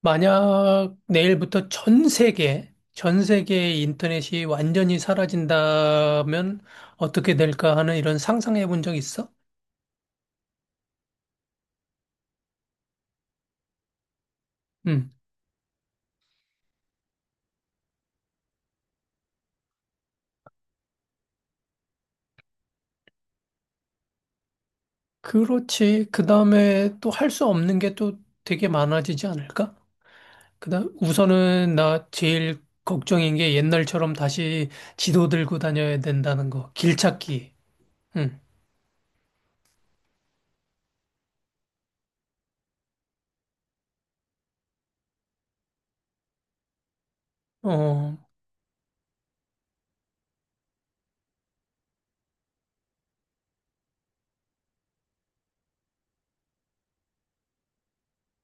만약 내일부터 전 세계, 전 세계의 인터넷이 완전히 사라진다면 어떻게 될까 하는 이런 상상해 본 적 있어? 음. 그렇지. 그 다음에 또 할 수 없는 게 또 되게 많아지지 않을까? 그다음 우선은 나 제일 걱정인 게 옛날처럼 다시 지도 들고 다녀야 된다는 거. 길 찾기. 음. 어,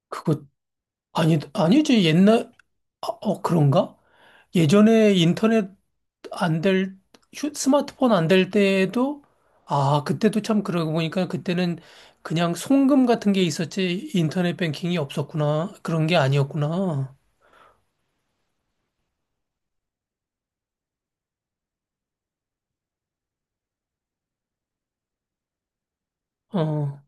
그거 아니 아니지. 옛날, 아, 어, 그런가? 예전에 인터넷 안 될, 스마트폰 안 될 때에도, 아, 그때도 참 그러고 보니까 그때는 그냥 송금 같은 게 있었지, 인터넷 뱅킹이 없었구나. 그런 게 아니었구나. 어,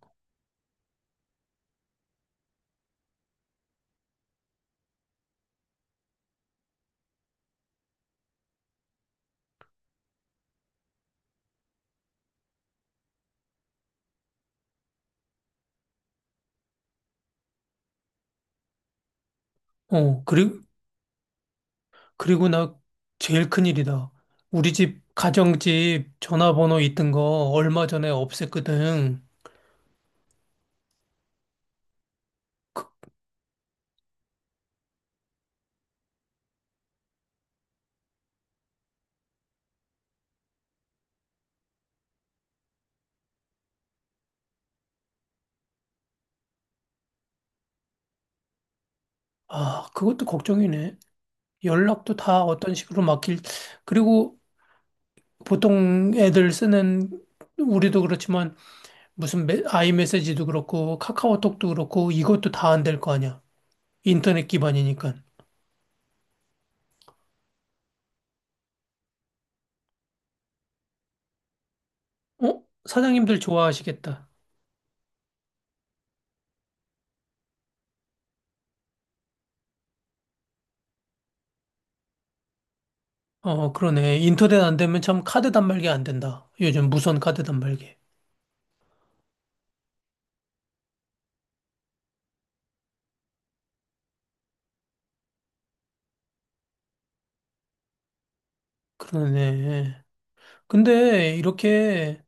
어, 그리고, 그리고 나 제일 큰일이다. 우리 집, 가정집 전화번호 있던 거 얼마 전에 없앴거든. 아, 그것도 걱정이네. 연락도 다 어떤 식으로 막힐, 그리고 보통 애들 쓰는, 우리도 그렇지만 무슨 아이메시지도 그렇고 카카오톡도 그렇고 이것도 다 안 될 거 아니야. 인터넷 기반이니까. 어? 사장님들 좋아하시겠다. 어, 그러네. 인터넷 안 되면 참 카드 단말기 안 된다. 요즘 무선 카드 단말기. 그러네. 근데 이렇게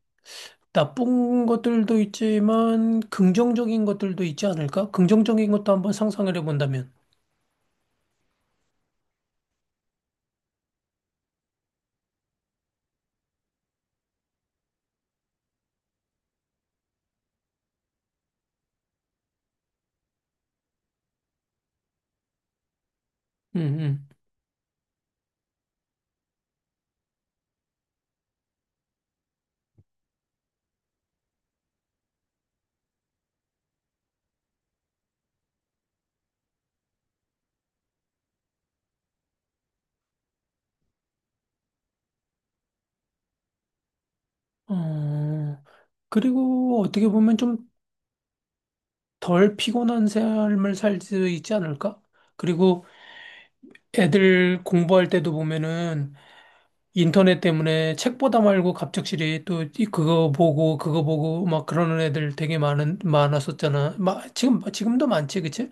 나쁜 것들도 있지만 긍정적인 것들도 있지 않을까? 긍정적인 것도 한번 상상을 해본다면. 음, 어, 그리고 어떻게 보면 좀 덜 피곤한 삶을 살 수 있지 않을까? 그리고 애들 공부할 때도 보면은 인터넷 때문에 책 보다 말고 갑작스레 또 그거 보고 그거 보고 막 그러는 애들 되게 많은 많았었잖아. 마, 지금도 많지, 그치?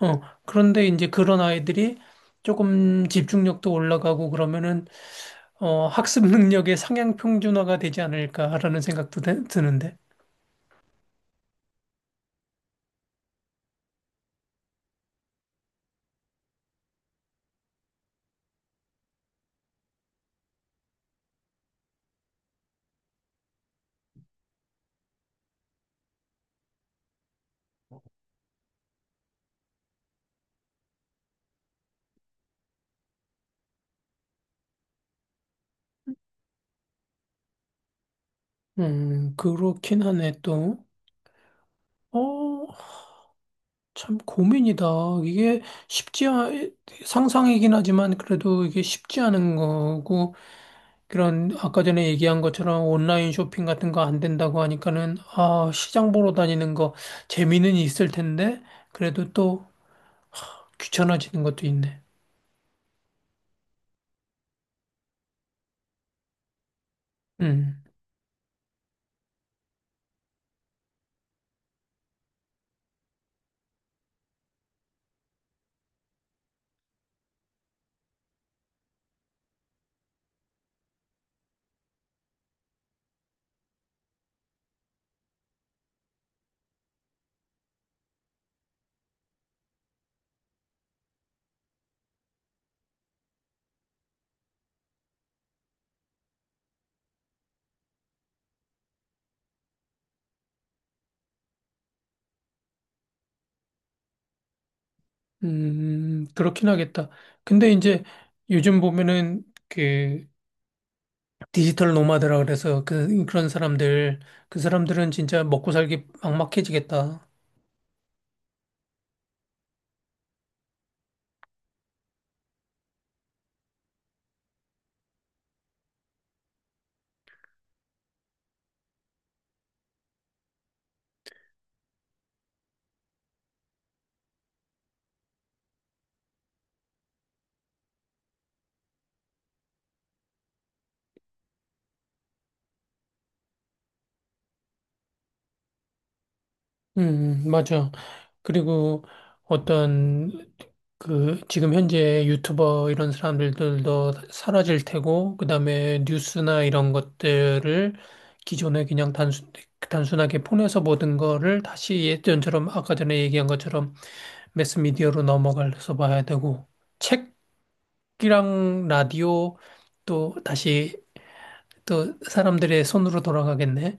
어. 그런데 이제 그런 아이들이 조금 집중력도 올라가고 그러면은 어, 학습 능력의 상향 평준화가 되지 않을까라는 생각도 드는데. 그렇긴 하네 또. 어, 참 고민이다. 이게 쉽지, 상상이긴 하지만 그래도 이게 쉽지 않은 거고, 그런 아까 전에 얘기한 것처럼 온라인 쇼핑 같은 거 안 된다고 하니까는, 아, 시장 보러 다니는 거 재미는 있을 텐데, 그래도 또 귀찮아지는 것도 있네. 음, 그렇긴 하겠다. 근데 이제 요즘 보면은 그 디지털 노마드라 그래서 그런 사람들, 그 사람들은 진짜 먹고 살기 막막해지겠다. 맞아. 그리고 어떤 그 지금 현재 유튜버 이런 사람들도 사라질 테고, 그다음에 뉴스나 이런 것들을 기존에 그냥 단순하게 폰에서 보던 거를 다시 예전처럼 아까 전에 얘기한 것처럼 매스미디어로 넘어가서 봐야 되고, 책이랑 라디오 또 다시 또 사람들의 손으로 돌아가겠네.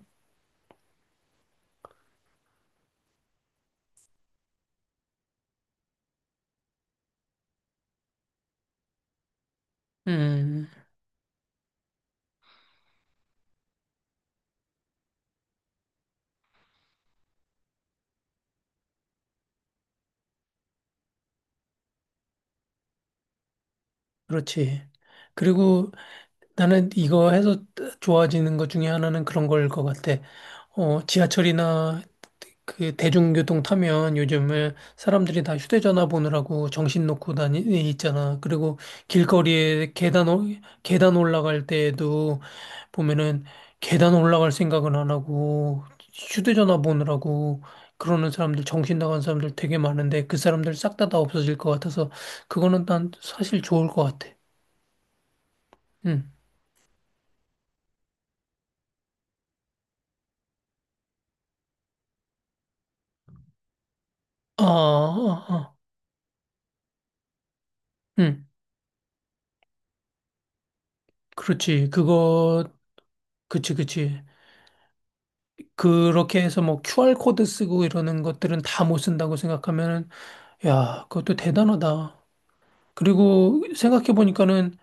음, 그렇지. 그리고 나는 이거 해서 좋아지는 것 중에 하나는 그런 걸 것 같아. 어, 지하철이나 그 대중교통 타면 요즘에 사람들이 다 휴대전화 보느라고 정신 놓고 다니 있잖아. 그리고 길거리에 계단 계단 올라갈 때에도 보면은 계단 올라갈 생각은 안 하고 휴대전화 보느라고 그러는 사람들 정신 나간 사람들 되게 많은데 그 사람들 싹 다 없어질 것 같아서 그거는 난 사실 좋을 것 같아. 응. 아, 아, 아. 응, 그렇지. 그거, 그치, 그치. 그렇게 해서 뭐 QR코드 쓰고 이러는 것들은 다 못 쓴다고 생각하면, 야, 그것도 대단하다. 그리고 생각해보니까는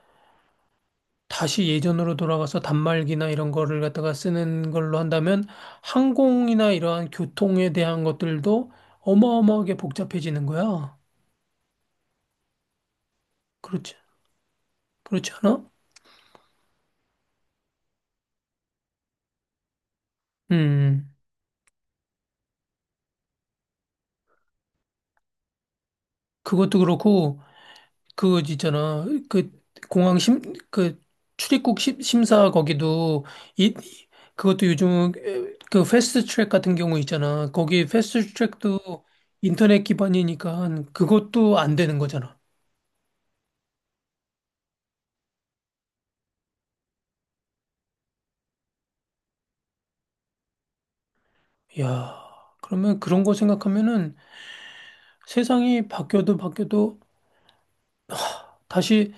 다시 예전으로 돌아가서 단말기나 이런 거를 갖다가 쓰는 걸로 한다면 항공이나 이러한 교통에 대한 것들도 어마어마하게 복잡해지는 거야. 그렇지. 그렇지 않아? 음, 그것도 그렇고, 그 있잖아 그 공항 심, 그 출입국 심, 심사 거기도 이 그것도 요즘 그 패스트 트랙 같은 경우 있잖아 거기 패스트 트랙도 인터넷 기반이니까 그것도 안 되는 거잖아. 야, 그러면 그런 거 생각하면은 세상이 바뀌어도 다시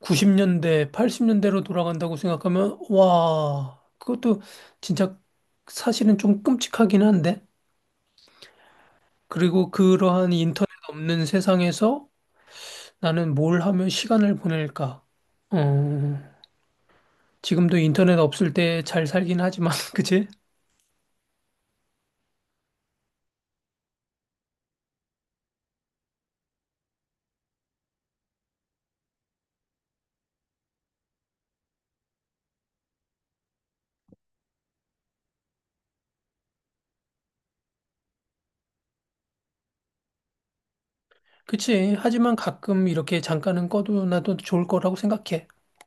90년대 80년대로 돌아간다고 생각하면, 와, 그것도 진짜 사실은 좀 끔찍하긴 한데, 그리고 그러한 인터넷 없는 세상에서 나는 뭘 하며 시간을 보낼까? 어, 지금도 인터넷 없을 때 잘 살긴 하지만, 그치? 그치. 하지만 가끔 이렇게 잠깐은 꺼도 나도 좋을 거라고 생각해.